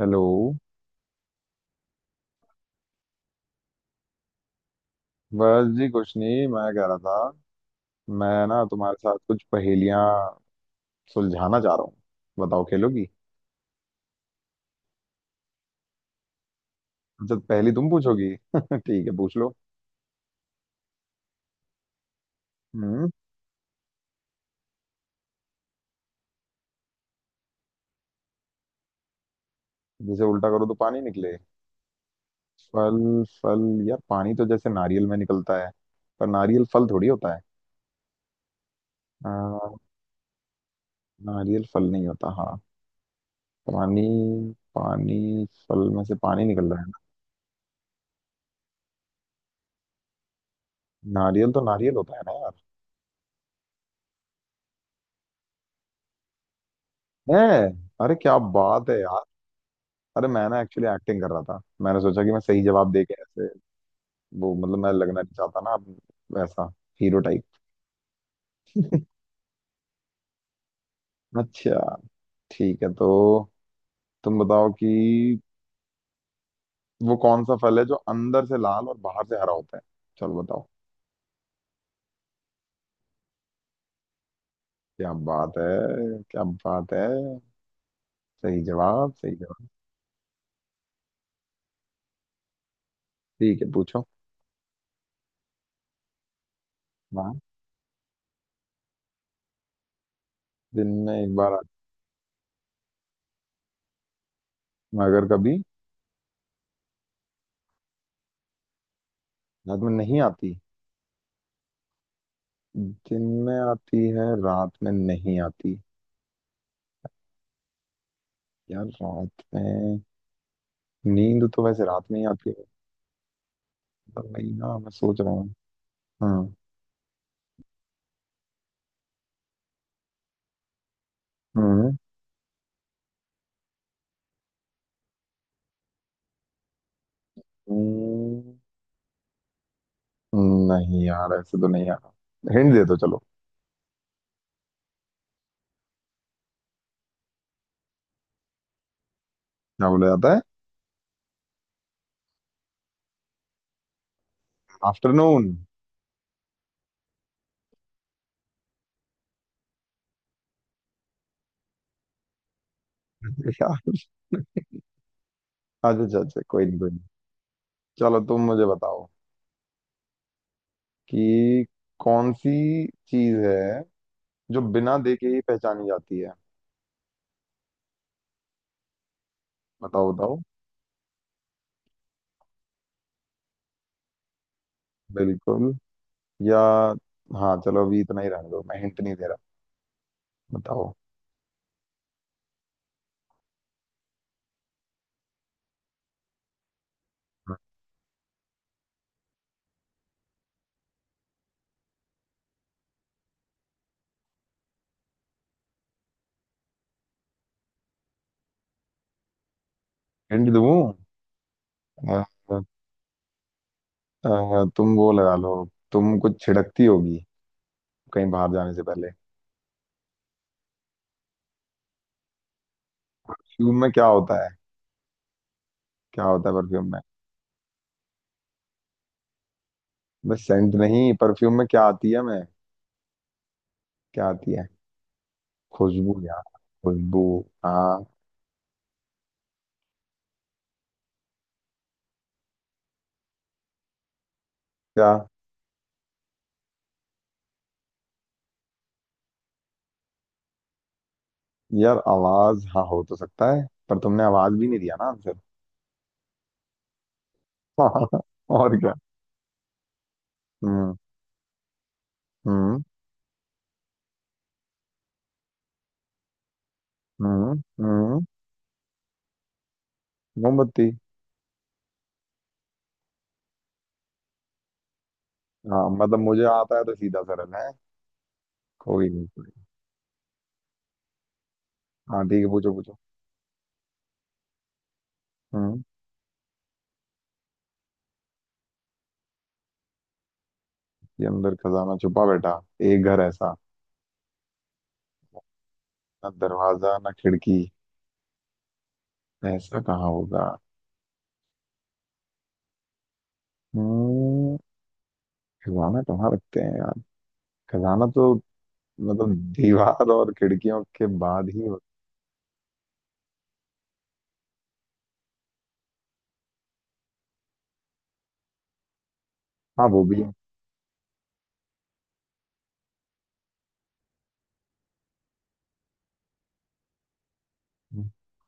Hello. बस जी कुछ नहीं। मैं कह रहा था मैं ना तुम्हारे साथ कुछ पहेलियां सुलझाना चाह रहा हूँ। बताओ खेलोगी। अच्छा पहली तुम पूछोगी ठीक है पूछ लो। हम्म। जैसे उल्टा करो तो पानी निकले। फल। फल। यार पानी तो जैसे नारियल में निकलता है, पर नारियल फल थोड़ी होता है। आ, नारियल फल नहीं होता। हाँ पानी। पानी फल में से पानी निकल रहा है ना। नारियल तो नारियल होता है ना यार। है। अरे क्या बात है यार। अरे मैं ना एक्चुअली एक्टिंग कर रहा था। मैंने सोचा कि मैं सही जवाब दे के ऐसे वो, मतलब मैं लगना नहीं चाहता ना अब वैसा हीरो टाइप। अच्छा ठीक है। तो तुम बताओ कि वो कौन सा फल है जो अंदर से लाल और बाहर से हरा होता है। चलो बताओ। क्या बात है। क्या बात है। सही जवाब। सही जवाब। ठीक है पूछो। हाँ दिन में एक बार आती, मगर कभी रात में नहीं आती। दिन में आती है, रात में नहीं आती। यार रात में नींद तो वैसे रात में ही आती है। तो वही ना, मैं सोच रहा हूँ। हाँ। हम्म। हम्म, नहीं यार ऐसे तो नहीं। यार हिंट दे दो चलो। क्या बोला जाता है। आफ्टरनून। यार अच्छा अच्छा अच्छा, कोई नहीं कोई नहीं। चलो तुम मुझे बताओ कि कौन सी चीज है जो बिना देखे ही पहचानी जाती है। बताओ बताओ। बिल्कुल। या हाँ, चलो अभी इतना ही रहने दो, मैं हिंट नहीं दे रहा। बताओ। हिंट दूँ। अ, तुम वो लगा लो। तुम कुछ छिड़कती होगी कहीं बाहर जाने से पहले। परफ्यूम में क्या होता है। क्या होता है परफ्यूम में। बस सेंट नहीं, परफ्यूम में क्या आती है मैं। क्या आती है। खुशबू यार, खुशबू। हाँ। क्या। यार आवाज, हाँ हो तो सकता है, पर तुमने आवाज भी नहीं दिया ना आंसर। और क्या। हम्म। हम्म। हम्म। हम्म। मोमबत्ती। हाँ मतलब मुझे आता है तो सीधा सरल है। कोई नहीं कोई नहीं। हाँ ठीक है पूछो पूछो। हम्म। ये अंदर खजाना छुपा बैठा। एक घर ऐसा, ना दरवाजा ना खिड़की, ऐसा कहाँ होगा। हम्म, खजाना कहाँ रखते हैं यार। खजाना तो मतलब दीवार और खिड़कियों के बाद ही हो-। हाँ वो भी है।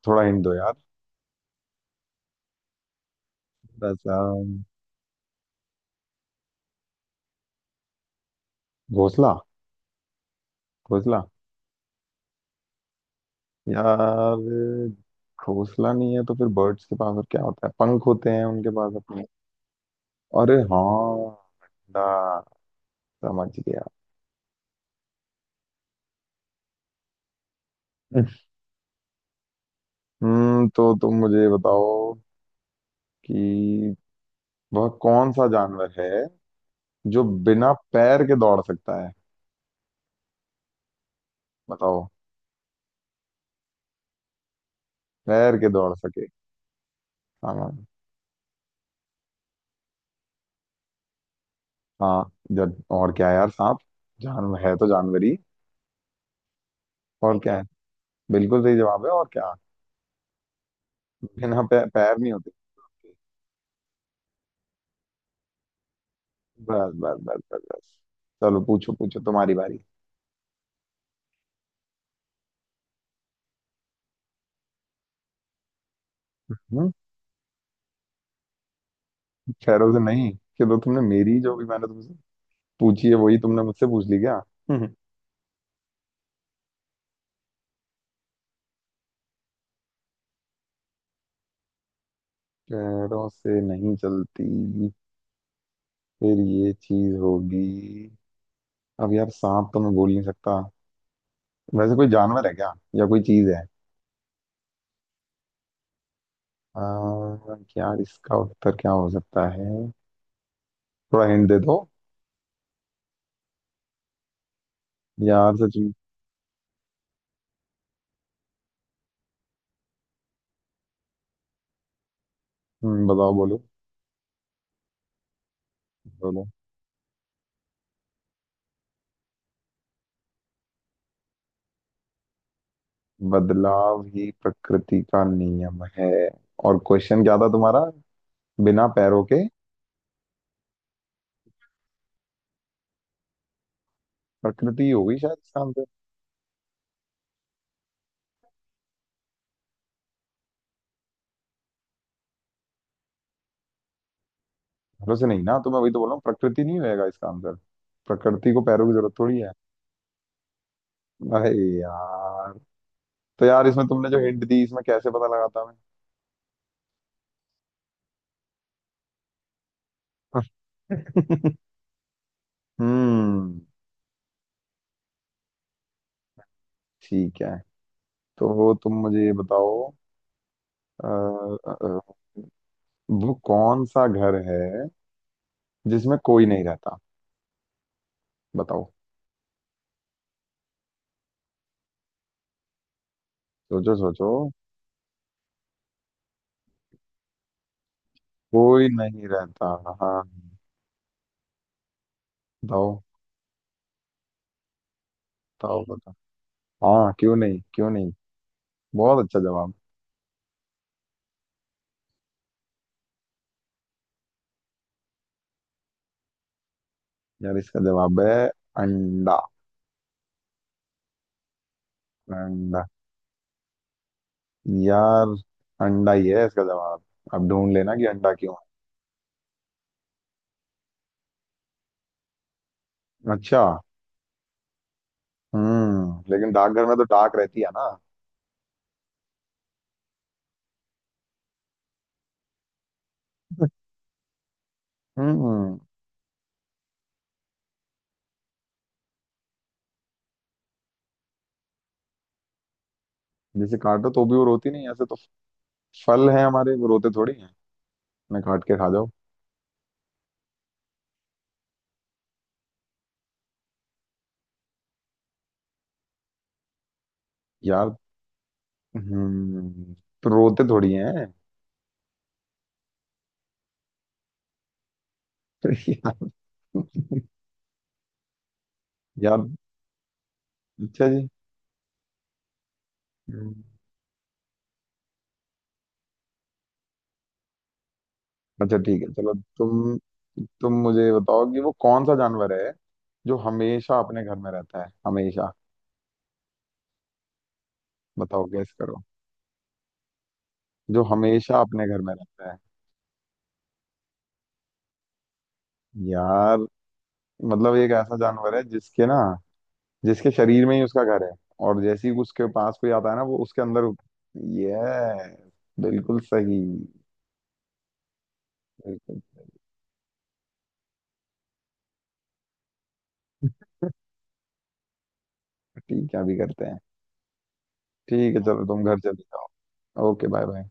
थोड़ा हिंट दो यार, थोड़ा सा। घोंसला। घोंसला। यार घोंसला नहीं है तो फिर बर्ड्स के पास और क्या होता है, पंख होते हैं उनके पास अपने। अरे हाँ अंडा। समझ गया। हम्म। तो तुम मुझे बताओ कि वह कौन सा जानवर है जो बिना पैर के दौड़ सकता है। बताओ। तैर के दौड़ सके। हाँ हाँ। हाँ, जब और क्या है यार, सांप जानवर है तो जानवर ही। और क्या है। बिल्कुल सही जवाब है। और क्या। बिना पै-, पैर नहीं होते। बस बस बस बस बस। चलो पूछो पूछो, तुम्हारी बारी। हम्म। पैरों से नहीं। चलो तुमने मेरी जो भी, मैंने तुमसे पूछी है वही तुमने मुझसे पूछ ली क्या। हम्म, पैरों से नहीं चलती, फिर ये चीज होगी। अब यार सांप तो मैं बोल नहीं सकता। वैसे कोई जानवर है क्या, या कोई चीज है। आ, यार इसका उत्तर क्या हो सकता है। थोड़ा हिंट दे दो। यार सच में। बताओ बोलो बोलो बदलाव ही प्रकृति का नियम है और क्वेश्चन क्या था तुम्हारा बिना पैरों के प्रकृति होगी शायद इसका आंसर पैरों से नहीं ना तो मैं वही तो बोल रहा हूँ प्रकृति नहीं होएगा इसका आंसर प्रकृति को पैरों की जरूरत थोड़ी है अरे यार तो यार इसमें तुमने जो हिंट दी इसमें कैसे पता लगाता मैं हम्म। ठीक है, तो तुम मुझे ये बताओ। अ, अ, अ, वो कौन सा घर है जिसमें कोई नहीं रहता। बताओ। सोचो सोचो। कोई नहीं रहता। हाँ। बताओ बताओ बताओ। हाँ क्यों नहीं, क्यों नहीं। बहुत अच्छा जवाब। यार इसका जवाब है अंडा। अंडा यार, अंडा ही है इसका जवाब। अब ढूंढ लेना कि अंडा क्यों। है अच्छा। हम्म, लेकिन डाकघर में तो डाक रहती है ना। हम्म। जिसे काटो तो भी वो रोती नहीं, ऐसे तो फल है हमारे, वो रोते थोड़ी हैं। मैं काट के खा जाओ। यार हम्म, तो रोते थोड़ी हैं। यार। यार अच्छा जी। हम्म, अच्छा ठीक है चलो। तुम मुझे बताओ कि वो कौन सा जानवर है जो हमेशा अपने घर में रहता है, हमेशा। बताओ गैस करो। जो हमेशा अपने घर में रहता है। यार मतलब एक ऐसा जानवर है जिसके ना, जिसके शरीर में ही उसका घर है, और जैसे ही उसके पास कोई आता है ना वो उसके अंदर। ये बिल्कुल सही। बिल्कुल। ठीक है अभी करते हैं। ठीक है चलो, तुम घर चले जाओ। Okay, bye bye.